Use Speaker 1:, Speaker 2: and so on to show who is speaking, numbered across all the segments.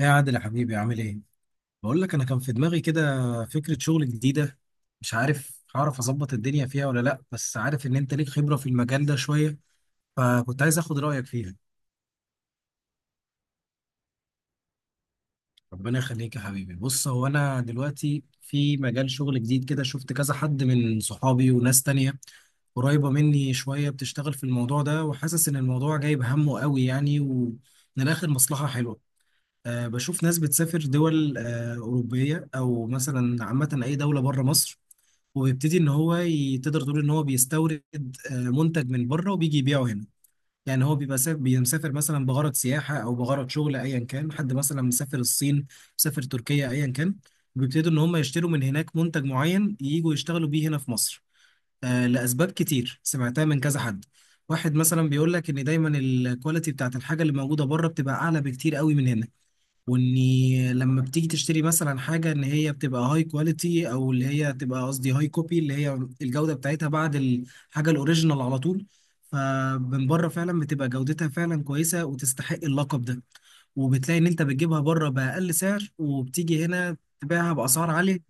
Speaker 1: يا عادل يا حبيبي عامل ايه؟ بقول لك انا كان في دماغي كده فكرة شغل جديدة. مش عارف هعرف اظبط الدنيا فيها ولا لا، بس عارف ان انت ليك خبرة في المجال ده شوية، فكنت عايز اخد رأيك فيها. ربنا يخليك يا حبيبي. بص، هو انا دلوقتي في مجال شغل جديد كده، شفت كذا حد من صحابي وناس تانية قريبة مني شوية بتشتغل في الموضوع ده، وحاسس إن الموضوع جايب همه قوي يعني، ومن الآخر مصلحة حلوة. بشوف ناس بتسافر دول أوروبية، أو مثلا عامة أي دولة بره مصر، وبيبتدي ان هو تقدر تقول ان هو بيستورد منتج من بره وبيجي يبيعه هنا. يعني هو بيبقى مسافر مثلا بغرض سياحه او بغرض شغل ايا كان، حد مثلا مسافر الصين، مسافر تركيا، ايا كان، بيبتدوا ان هم يشتروا من هناك منتج معين ييجوا يشتغلوا بيه هنا في مصر. لاسباب كتير سمعتها من كذا حد. واحد مثلا بيقول لك ان دايما الكواليتي بتاعت الحاجه اللي موجوده بره بتبقى اعلى بكتير قوي من هنا، واني لما بتيجي تشتري مثلا حاجه ان هي بتبقى هاي كواليتي، او اللي هي تبقى قصدي هاي كوبي اللي هي الجوده بتاعتها بعد الحاجه الاوريجينال على طول. فمن بره فعلا بتبقى جودتها فعلا كويسه وتستحق اللقب ده، وبتلاقي ان انت بتجيبها بره باقل سعر وبتيجي هنا تبيعها باسعار عاليه.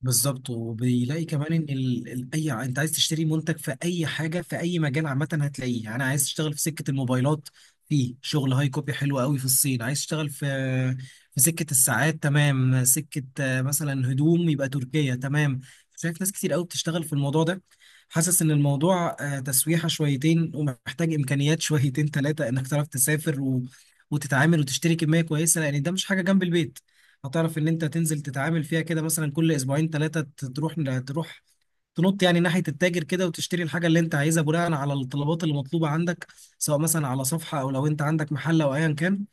Speaker 1: بالظبط، وبيلاقي كمان ان انت عايز تشتري منتج في اي حاجه في اي مجال عامه هتلاقيه. يعني انا عايز اشتغل في سكه الموبايلات، في شغل هاي كوبي حلو قوي في الصين. عايز اشتغل في سكه الساعات، تمام. سكه مثلا هدوم، يبقى تركيا، تمام. شايف ناس كتير قوي بتشتغل في الموضوع ده. حاسس ان الموضوع تسويحه شويتين ومحتاج امكانيات شويتين ثلاثه، انك تعرف تسافر وتتعامل وتشتري كميه كويسه، لان ده مش حاجه جنب البيت هتعرف ان انت تنزل تتعامل فيها كده مثلا كل اسبوعين ثلاثه. تروح تروح تنط يعني ناحيه التاجر كده وتشتري الحاجه اللي انت عايزها بناء على الطلبات اللي مطلوبه عندك، سواء مثلا على صفحه او لو انت عندك محل او ايا كان.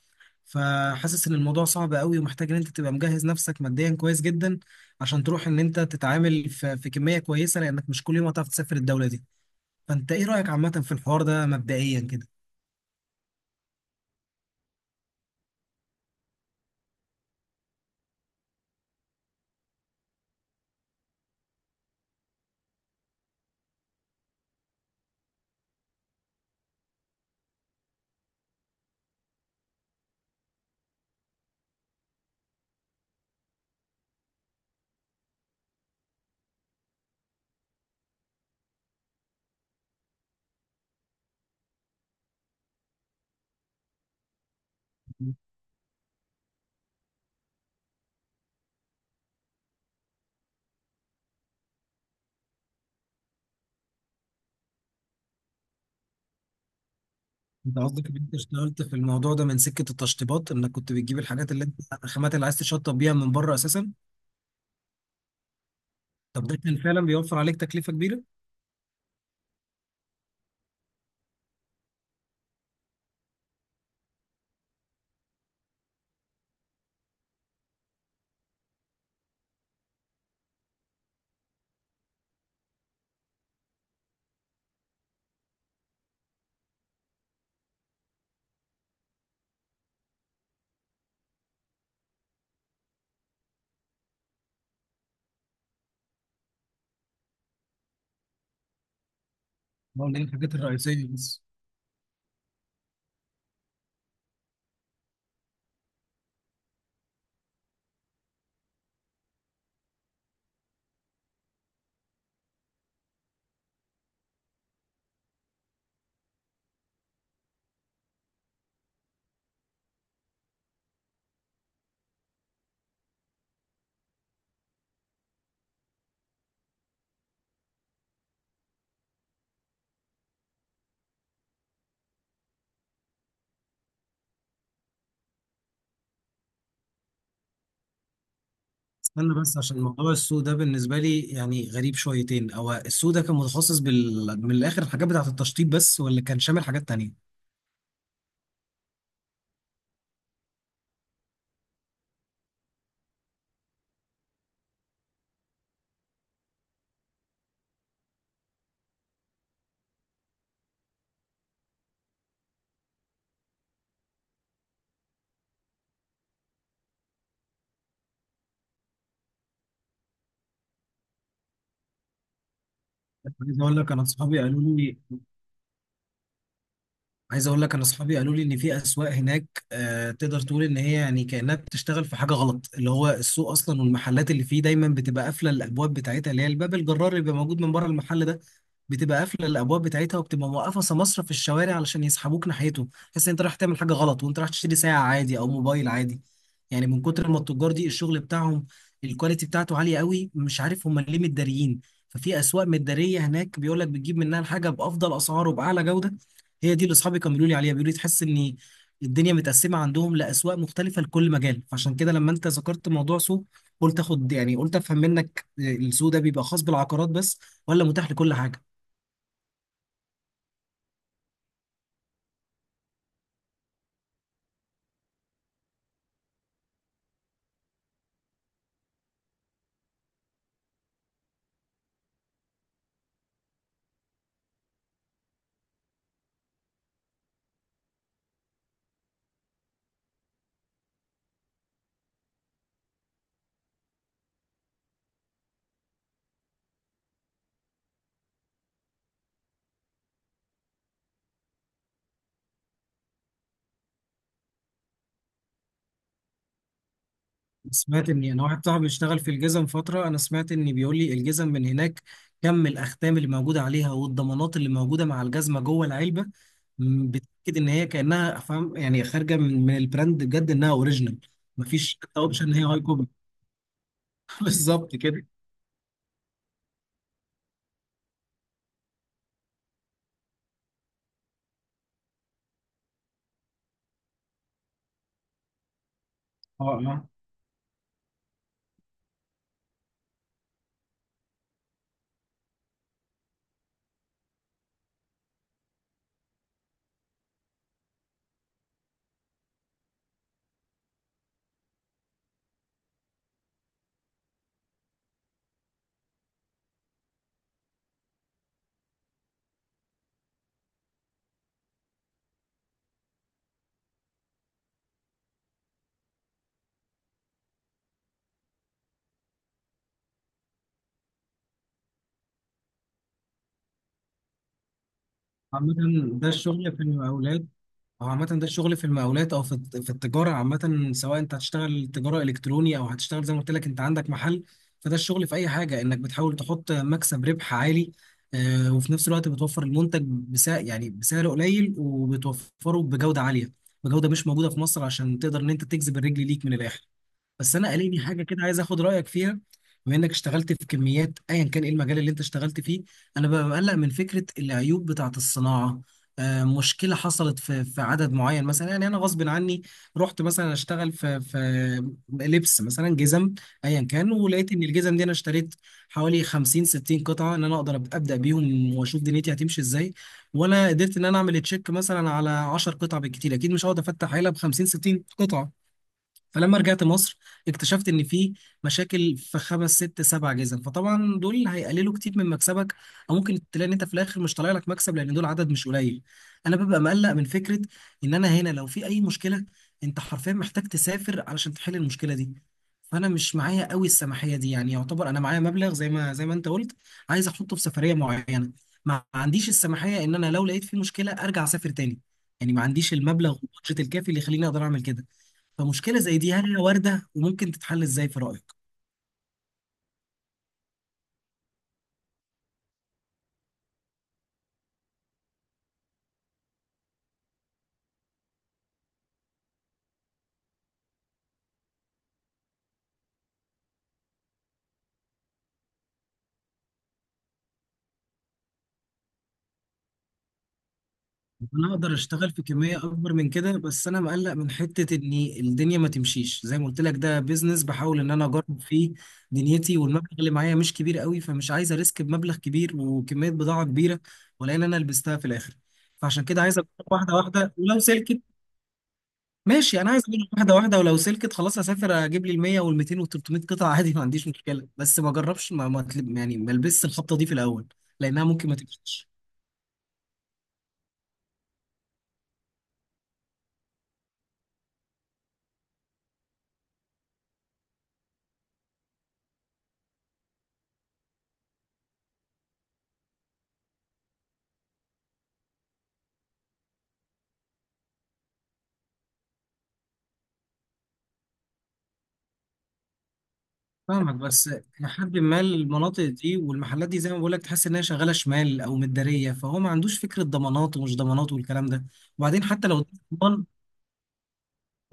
Speaker 1: فحاسس ان الموضوع صعب قوي ومحتاج ان انت تبقى مجهز نفسك ماديا كويس جدا، عشان تروح ان انت تتعامل في كميه كويسه، لانك مش كل يوم هتعرف تسافر الدوله دي. فانت ايه رايك عامه في الحوار ده مبدئيا كده؟ انت قصدك ان انت اشتغلت في الموضوع ده من سكه التشطيبات، انك كنت بتجيب الحاجات اللي انت الخامات اللي عايز تشطب بيها من بره اساسا؟ طب ده كان فعلا بيوفر عليك تكلفه كبيره؟ ولا ايه، الحاجات الرئيسيه بس؟ استنى بس، عشان موضوع السوق ده بالنسبه لي يعني غريب شويتين. هو السوق ده كان متخصص من الاخر الحاجات بتاعه التشطيب بس، ولا كان شامل حاجات تانية؟ عايز اقول لك انا اصحابي قالوا لي عايز اقول لك انا اصحابي قالوا لي ان في اسواق هناك آه، تقدر تقول ان هي يعني كانها بتشتغل في حاجه غلط، اللي هو السوق اصلا والمحلات اللي فيه دايما بتبقى قافله الابواب بتاعتها، اللي هي الباب الجرار اللي بيبقى موجود من بره المحل ده، بتبقى قافله الابواب بتاعتها، وبتبقى موقفه سماسره في الشوارع علشان يسحبوك ناحيته، تحس ان انت رايح تعمل حاجه غلط وانت رايح تشتري ساعه عادي او موبايل عادي. يعني من كتر ما التجار دي الشغل بتاعهم الكواليتي بتاعته عاليه قوي، مش عارف هم ليه متداريين. ففي اسواق متداريه هناك بيقول لك بتجيب منها الحاجه بافضل اسعار وباعلى جوده. هي دي اللي اصحابي كانوا بيقولوا لي عليها. بيقولوا لي تحس ان الدنيا متقسمه عندهم لاسواق مختلفه لكل مجال. فعشان كده لما انت ذكرت موضوع سوق، قلت اخد يعني قلت افهم منك، السوق ده بيبقى خاص بالعقارات بس، ولا متاح لكل حاجه؟ سمعت ان انا واحد صاحبي بيشتغل في الجزم فتره، انا سمعت ان بيقول لي الجزم من هناك كم الاختام اللي موجوده عليها والضمانات اللي موجوده مع الجزمه جوه العلبه، بتاكد ان هي كانها فاهم يعني خارجه من البراند بجد انها اوريجينال. مفيش حتى اوبشن ان هي هاي كوبي. بالظبط كده. اه، عامة ده الشغل في المقاولات. أو عامة ده الشغل في المقاولات، أو في في التجارة عامة، سواء أنت هتشتغل تجارة إلكتروني أو هتشتغل زي ما قلت لك أنت عندك محل. فده الشغل في أي حاجة، إنك بتحاول تحط مكسب ربح عالي، وفي نفس الوقت بتوفر المنتج بسعر يعني بسعر قليل، وبتوفره بجودة عالية، بجودة مش موجودة في مصر، عشان تقدر إن أنت تجذب الرجل ليك من الآخر. بس انا قاليني حاجه كده عايز اخد رايك فيها. بما انك اشتغلت في كميات ايا كان ايه المجال اللي انت اشتغلت فيه، انا ببقى مقلق من فكره العيوب بتاعه الصناعه. مشكله حصلت في عدد معين مثلا. يعني انا غصب عني رحت مثلا اشتغل في لبس مثلا جزم، ايا كان، ولقيت ان الجزم دي انا اشتريت حوالي 50 60 قطعه، ان انا اقدر ابدا بيهم واشوف دنيتي هتمشي ازاي. وانا قدرت ان انا اعمل تشيك مثلا على 10 قطع بالكتير، اكيد مش هقعد افتح عيله ب 50 60 قطعه. فلما رجعت مصر اكتشفت ان في مشاكل في خمس ست سبع جزم، فطبعا دول هيقللوا كتير من مكسبك، او ممكن تلاقي ان انت في الاخر مش طالع لك مكسب لان دول عدد مش قليل. انا ببقى مقلق من فكره ان انا هنا لو في اي مشكله انت حرفيا محتاج تسافر علشان تحل المشكله دي. فانا مش معايا قوي السماحيه دي، يعني يعتبر انا معايا مبلغ زي ما انت قلت عايز احطه في سفريه معينه، ما عنديش السماحيه ان انا لو لقيت في مشكله ارجع اسافر تاني. يعني ما عنديش المبلغ والبادجت الكافي اللي يخليني اقدر اعمل كده. فمشكلة زي دي هل هي واردة وممكن تتحل ازاي في رأيك؟ انا اقدر اشتغل في كمية اكبر من كده، بس انا مقلق من حتة ان الدنيا ما تمشيش. زي ما قلت لك، ده بيزنس بحاول ان انا اجرب فيه دنيتي، والمبلغ اللي معايا مش كبير قوي، فمش عايز اريسك بمبلغ كبير وكمية بضاعة كبيرة ولا ان انا لبستها في الاخر. فعشان كده عايز اجرب واحدة واحدة، ولو سلكت ماشي. انا عايز اجرب واحدة واحدة، ولو سلكت خلاص اسافر اجيب لي ال 100 وال 200 وال 300 قطعة، عادي ما عنديش مشكلة. بس ما اجربش، ما ما أتلب- يعني ما البسش الخبطة دي في الاول، لانها ممكن ما تمشيش. فاهمك، بس لحد ما المناطق دي والمحلات دي زي ما بقول لك تحس انها شغاله شمال او مداريه، فهو ما عندوش فكره ضمانات ومش ضمانات والكلام ده. وبعدين حتى لو ضمان،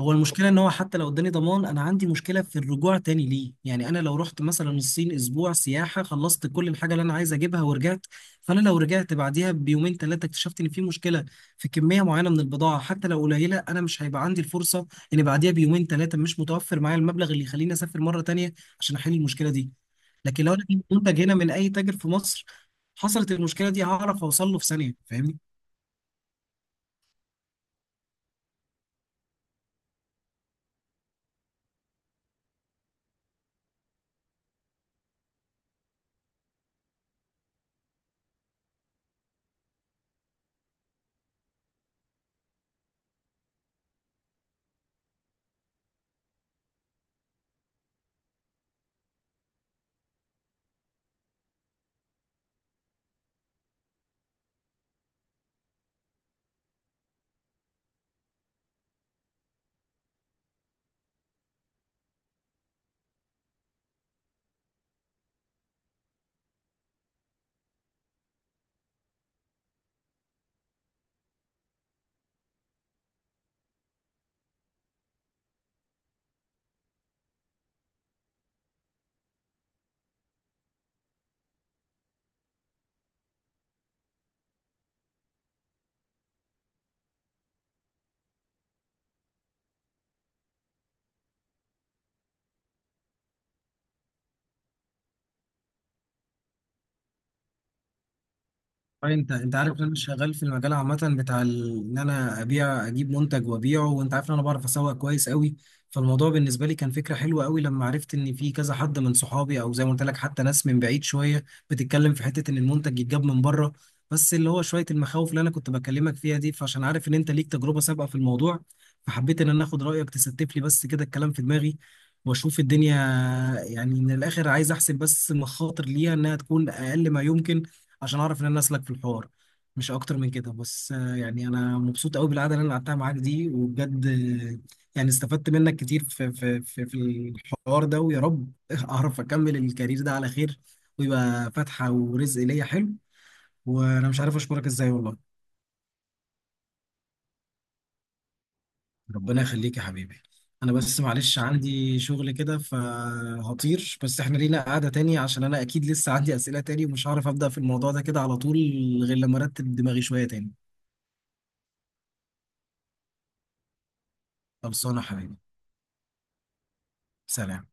Speaker 1: هو المشكلة ان هو حتى لو اداني ضمان انا عندي مشكلة في الرجوع تاني ليه. يعني انا لو رحت مثلا الصين اسبوع سياحة، خلصت كل الحاجة اللي انا عايز اجيبها ورجعت، فانا لو رجعت بعديها بيومين ثلاثة اكتشفت ان في مشكلة في كمية معينة من البضاعة حتى لو قليلة، انا مش هيبقى عندي الفرصة ان بعديها بيومين ثلاثة مش متوفر معايا المبلغ اللي يخليني اسافر مرة تانية عشان احل المشكلة دي. لكن لو انا جبت منتج هنا من اي تاجر في مصر حصلت المشكلة دي، هعرف اوصل له في ثانية، فاهمني؟ طيب، انت انت عارف ان انا شغال في المجال عامه بتاع ان انا ابيع اجيب منتج وابيعه، وانت عارف ان انا بعرف اسوق كويس قوي. فالموضوع بالنسبه لي كان فكره حلوه قوي لما عرفت ان في كذا حد من صحابي، او زي ما قلت لك حتى ناس من بعيد شويه بتتكلم في حته ان المنتج يتجاب من بره. بس اللي هو شويه المخاوف اللي انا كنت بكلمك فيها دي، فعشان عارف ان انت ليك تجربه سابقه في الموضوع، فحبيت ان انا اخد رايك تستف لي بس كده الكلام في دماغي واشوف الدنيا. يعني من الاخر عايز احسب بس المخاطر ليها انها تكون اقل ما يمكن، عشان اعرف ان انا اسلك في الحوار، مش اكتر من كده. بس يعني انا مبسوط قوي بالقعده اللي انا قعدتها معاك دي، وبجد يعني استفدت منك كتير في الحوار ده، ويا رب اعرف اكمل الكارير ده على خير، ويبقى فاتحه ورزق ليا حلو. وانا مش عارف اشكرك ازاي والله. ربنا يخليك يا حبيبي. انا بس معلش عندي شغل كده فهطير، بس احنا لينا قعده تاني، عشان انا اكيد لسه عندي اسئله تاني ومش هعرف ابدا في الموضوع ده كده على طول غير لما ارتب دماغي شويه تاني. خلصانه يا حبيبي. سلام.